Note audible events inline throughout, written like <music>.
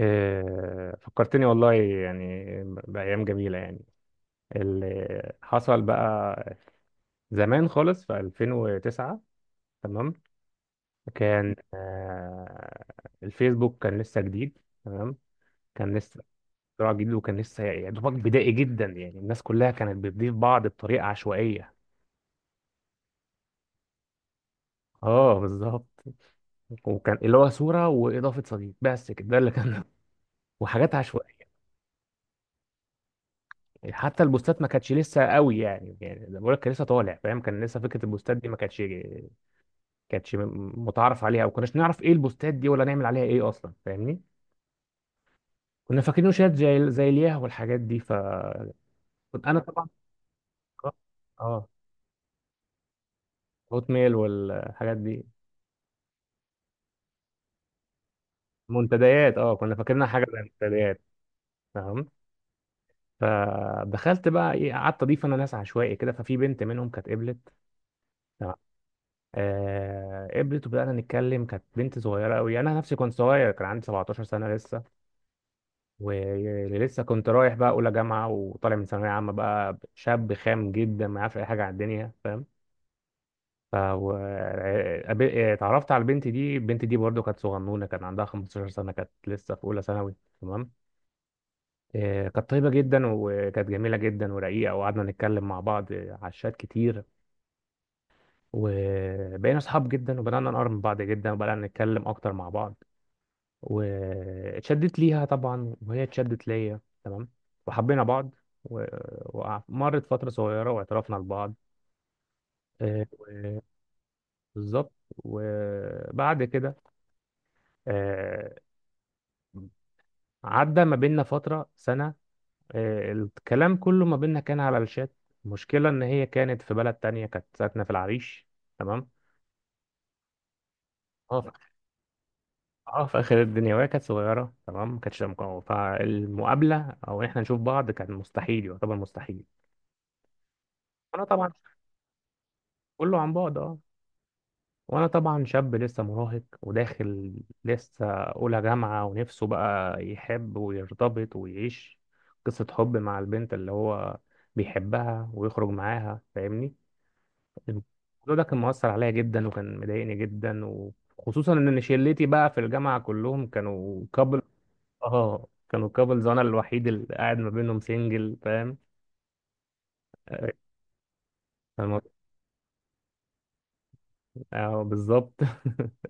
إيه، فكرتني والله يعني بأيام جميلة يعني اللي حصل بقى زمان خالص في 2009. تمام. كان الفيسبوك كان لسه جديد. تمام. كان لسه اختراع جديد وكان لسه يا دوبك بدائي جدا، يعني الناس كلها كانت بتضيف بعض بطريقة عشوائية. اه، بالظبط. وكان اللي هو صورة وإضافة صديق، بس كده ده اللي كان. <laughs> وحاجات عشوائية. حتى البوستات ما كانتش لسه قوي يعني، يعني زي ما بقول لك، كان لسه طالع فاهم، كان لسه فكره البوستات دي ما كانتش. متعارف عليها، او كناش نعرف ايه البوستات دي ولا نعمل عليها ايه اصلا فاهمني. كنا فاكرينه شات زي الياه والحاجات دي، فكنت. انا طبعا اه، هوت ميل والحاجات دي. منتديات، اه كنا فاكرينها حاجه زي المنتديات. تمام. فدخلت بقى ايه، قعدت اضيف انا ناس عشوائي كده، ففي بنت منهم كانت قبلت. قبلت وبدأنا نتكلم. كانت بنت صغيرة أوي، أنا نفسي كنت صغير، كان عندي 17 سنة لسه. ولسه كنت رايح بقى أولى جامعة وطالع من ثانوية عامة، بقى شاب خام جدا ما يعرفش أي حاجة عن الدنيا فاهم. ف و- آه، قابل- آه، اتعرفت على البنت دي. البنت دي برضو كانت صغنونة، كان عندها 15 سنة، كانت لسه في أولى ثانوي. تمام. كانت طيبة جدا وكانت جميلة جدا ورقيقة، وقعدنا نتكلم مع بعض على الشات كتير. وبقينا أصحاب جدا، وبدأنا نقرب من بعض جدا، وبدأنا نتكلم أكتر مع بعض. واتشدت ليها طبعا، وهي اتشدت ليا. تمام. وحبينا بعض و- ومرت فترة صغيرة واعترفنا لبعض. آه، و- بالظبط. وبعد كده آه، عدى ما بيننا فترة سنة. الكلام كله ما بيننا كان على الشات. المشكلة إن هي كانت في بلد تانية، كانت ساكنة في العريش. تمام. اه في، اه في آخر الدنيا، وهي كانت صغيرة. تمام، ما كانتش. فالمقابلة أو إحنا نشوف بعض كان مستحيل، يعتبر مستحيل. انا طبعا. كله عن بعد اه. وانا طبعا شاب لسه مراهق وداخل لسه اولى جامعة، ونفسه بقى يحب ويرتبط ويعيش قصة حب مع البنت اللي هو بيحبها ويخرج معاها فاهمني. الموضوع ده كان مؤثر عليا جدا وكان مضايقني جدا. وخصوصا ان شلتي بقى في الجامعة كلهم كانوا كابل. اه كانوا كابلز، وانا الوحيد اللي قاعد ما بينهم سنجل فاهم. آه، الموضوع- بالظبط. <laughs>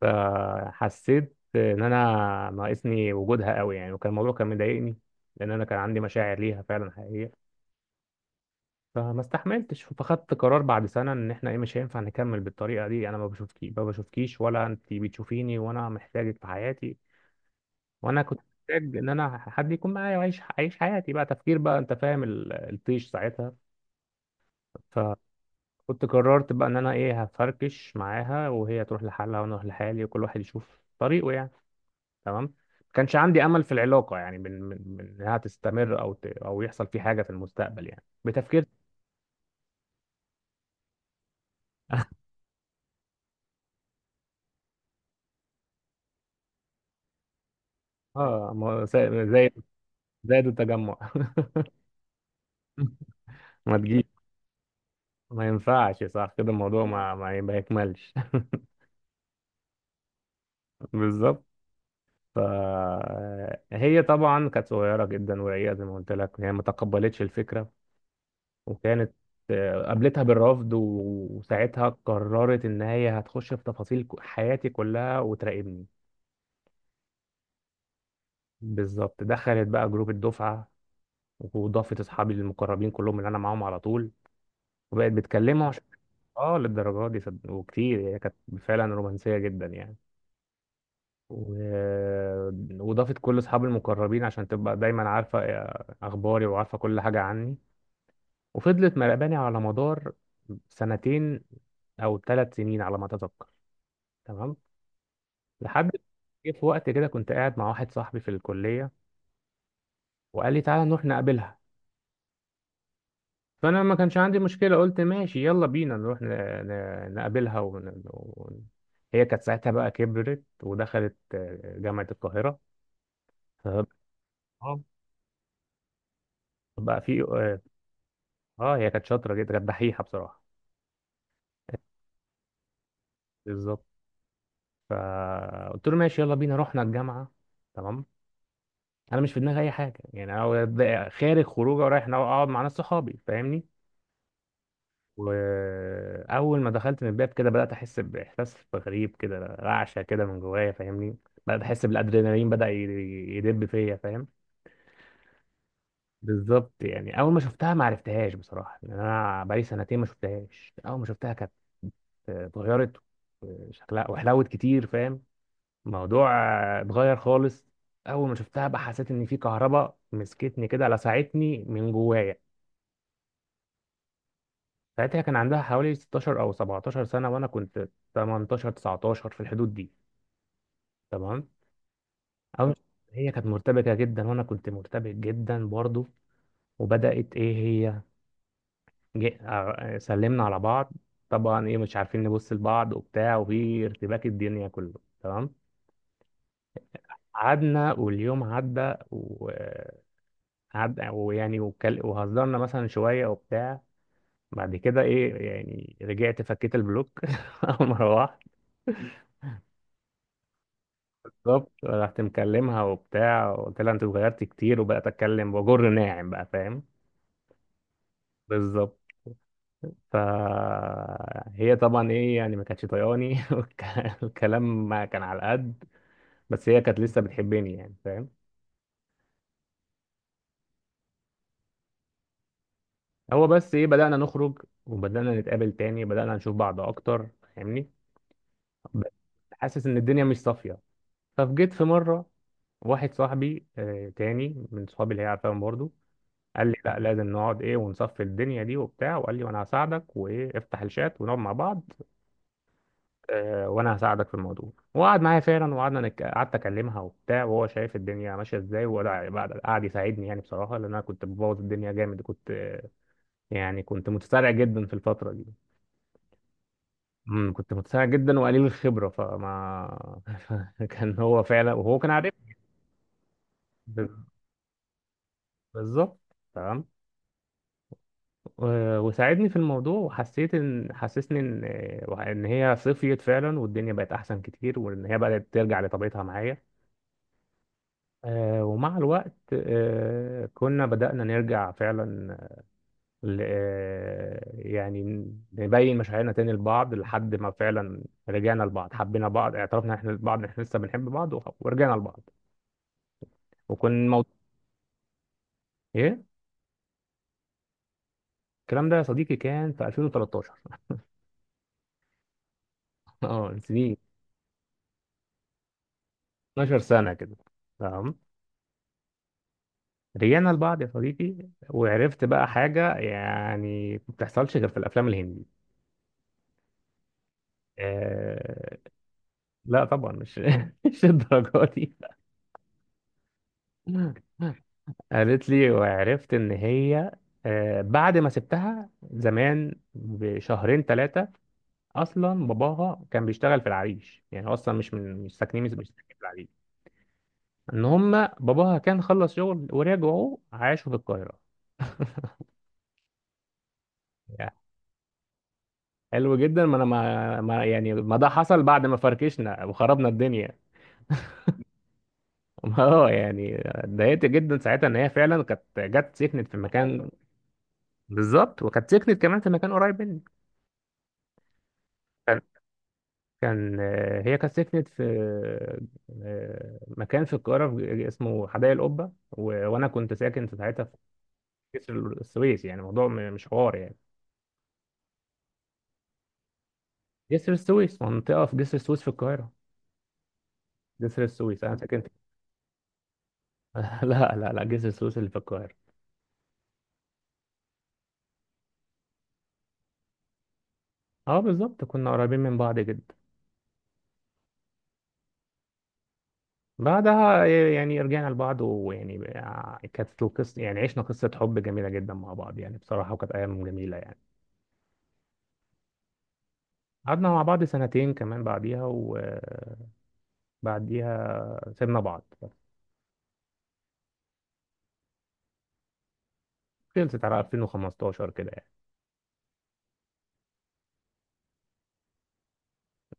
فحسيت ان انا ناقصني وجودها قوي يعني، وكان الموضوع كان مضايقني، لان انا كان عندي مشاعر ليها فعلا حقيقيه. فما استحملتش. فخدت قرار بعد سنه ان احنا ايه، مش هينفع نكمل بالطريقه دي. انا ما بشوفكي، ما بشوفكيش ولا انت بتشوفيني، وانا محتاجك في حياتي. وانا كنت محتاج ان انا حد يكون معايا واعيش حياتي بقى، تفكير بقى انت فاهم الطيش ساعتها. فكنت. قررت بقى ان انا ايه، هفركش معاها وهي تروح لحالها وانا اروح لحالي، وكل واحد يشوف طريقه يعني. تمام. ما كانش عندي امل في العلاقه يعني من انها تستمر، او ت... او يحصل في حاجه في المستقبل يعني، بتفكير. <laughs> اه، زي التجمع. <laughs> ما تجيش. ما ينفعش صح كده، الموضوع ما يكملش. <laughs> بالظبط. ف هي طبعا كانت صغيره جدا ورقيقه، زي ما قلت لك، هي ما تقبلتش الفكره. وكانت. قابلتها بالرفض وساعتها قررت ان هي هتخش في تفاصيل حياتي كلها وتراقبني. بالظبط. دخلت بقى جروب الدفعه، وضافت اصحابي المقربين كلهم اللي انا معاهم على طول. وبقت بتكلمه، عشان اه للدرجه دي وكتير. هي كانت فعلا رومانسيه جدا يعني و... <laughs> وضافت كل اصحابي المقربين عشان تبقى دايما عارفه اخباري، وعارفه كل حاجه عني. وفضلت مراقباني على مدار سنتين او ثلاث سنين على ما اتذكر. تمام. لحد جه في وقت كده، كنت قاعد مع واحد صاحبي في الكليه، وقال لي تعالى نروح نقابلها. فانا ما كانش عندي مشكله، قلت ماشي يلا بينا نروح نقابلها ون... ون... هي كانت ساعتها بقى كبرت، ودخلت جامعه القاهره. فبقى- اه، بقى في اه، هي كانت شاطره جدا، كانت دحيحه بصراحه. بالظبط. فقلت له ماشي يلا بينا، رحنا الجامعه. تمام. انا مش في دماغي اي حاجه يعني، انا خارج خروجه ورايح اقعد مع ناس صحابي فاهمني. واول ما دخلت من الباب كده، بدات احس باحساس غريب كده، رعشه كده من جوايا فاهمني. بدات احس بالادرينالين، بدا يدب فيا فاهم. بالظبط. يعني اول ما شفتها ما عرفتهاش بصراحه، لان انا بقالي سنتين ما شفتهاش. اول ما شفتها كانت اتغيرت شكلها وحلوت كتير فاهم. الموضوع اتغير خالص. اول ما شفتها بقى حسيت ان في كهرباء مسكتني كده، لسعتني من جوايا. ساعتها كان عندها حوالي 16 او 17 سنه، وانا كنت 18 19 في الحدود دي. تمام. أو. هي كانت مرتبكة جدا، وأنا كنت مرتبك جدا برضو. وبدأت إيه هي جي... آه، سلمنا على بعض. طبعا إيه، مش عارفين نبص لبعض وبتاع، وفي ارتباك الدنيا كله. تمام. قعدنا واليوم عدى وعد. ويعني وهزرنا مثلا شوية وبتاع. بعد كده إيه، يعني رجعت فكيت البلوك. <laughs> أول ما روحت. بالظبط. رحت مكلمها وبتاع، وقلت لها أنت اتغيرت كتير، وبقيت أتكلم وجر ناعم بقى فاهم. بالظبط. فهي طبعا ايه، يعني ما كانتش طياني. <laughs> الكلام ما كان على قد. بس هي كانت لسه بتحبني يعني فاهم. هو بس ايه، بدأنا نخرج، وبدأنا نتقابل تاني، بدأنا نشوف بعض اكتر فاهمني. بس حاسس ان الدنيا مش صافية. فجيت في مرة، واحد صاحبي تاني من صحابي اللي هي عارفاهم برضه، قال لي لا لازم نقعد ايه ونصفي الدنيا دي وبتاع، وقال لي وانا هساعدك، وايه افتح الشات ونقعد مع بعض. وانا هساعدك في الموضوع. وقعد معايا فعلا، وقعدنا قعدت اكلمها وبتاع، وهو شايف الدنيا ماشيه ازاي. وقعد قعد قعد يساعدني يعني بصراحه، لان انا كنت ببوظ الدنيا جامد. كنت يعني كنت متسرع جدا في الفتره دي. كنت متسرع جدا وقليل الخبره، فما <laughs> كان هو فعلا، وهو كان عارف ب- بالظبط. تمام. وساعدني في الموضوع، وحسيت ان حسسني ان ان هي صفيت فعلا، والدنيا بقت احسن كتير، وان هي بدات ترجع لطبيعتها معايا. ومع الوقت كنا بدأنا نرجع فعلا يعني نبين مشاعرنا تاني لبعض، لحد ما فعلا رجعنا لبعض. حبينا بعض، اعترفنا احنا لبعض إن احنا لسه بنحب بعض ورجعنا لبعض. وكان الموضوع ايه، الكلام ده يا صديقي كان في 2013. <laughs> اه سنين. 12 سنة كده. تمام. رجعنا لبعض يا صديقي، وعرفت بقى حاجة يعني ما بتحصلش غير في الأفلام الهندي. آه. لا طبعا مش <laughs> مش الدرجات. قالت لي، وعرفت ان هي بعد ما سبتها زمان بشهرين ثلاثه، اصلا باباها كان بيشتغل في العريش، يعني هو اصلا مش ساكنين في العريش. ان هم. باباها كان خلص شغل، ورجعوا عاشوا في القاهره. يعني حلو جدا، ما انا يعني ما ده حصل بعد ما فركشنا وخربنا الدنيا. <laughs> اه يعني اتضايقت جدا ساعتها ان هي فعلا كانت جت سكنت في مكان. بالظبط، وكانت سكنت كمان في مكان قريب مني. كان هي كانت سكنت في مكان في القاهرة، اسمه حدائق القبة، وأنا كنت ساكن في ساعتها في جسر السويس. يعني موضوع مش حوار يعني. جسر السويس، منطقة في جسر السويس في القاهرة. جسر السويس، أنا ساكن في. <laughs> لا لا لا، جسر السويس اللي في القاهرة. اه بالظبط، كنا قريبين من بعض جدا. بعدها يعني رجعنا لبعض، ويعني كانت القصة، يعني عشنا قصة حب جميلة جدا مع بعض يعني بصراحة، وكانت أيام جميلة يعني. قعدنا مع بعض سنتين كمان بعديها، وبعديها سيبنا بعض. خلصت على 2015 كده يعني.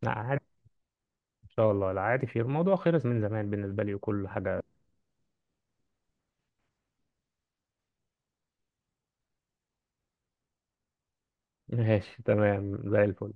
لا عادي. ان شاء الله. لا عادي، خير الموضوع خلص من زمان بالنسبه لي وكل حاجه. ماشي تمام زي الفل.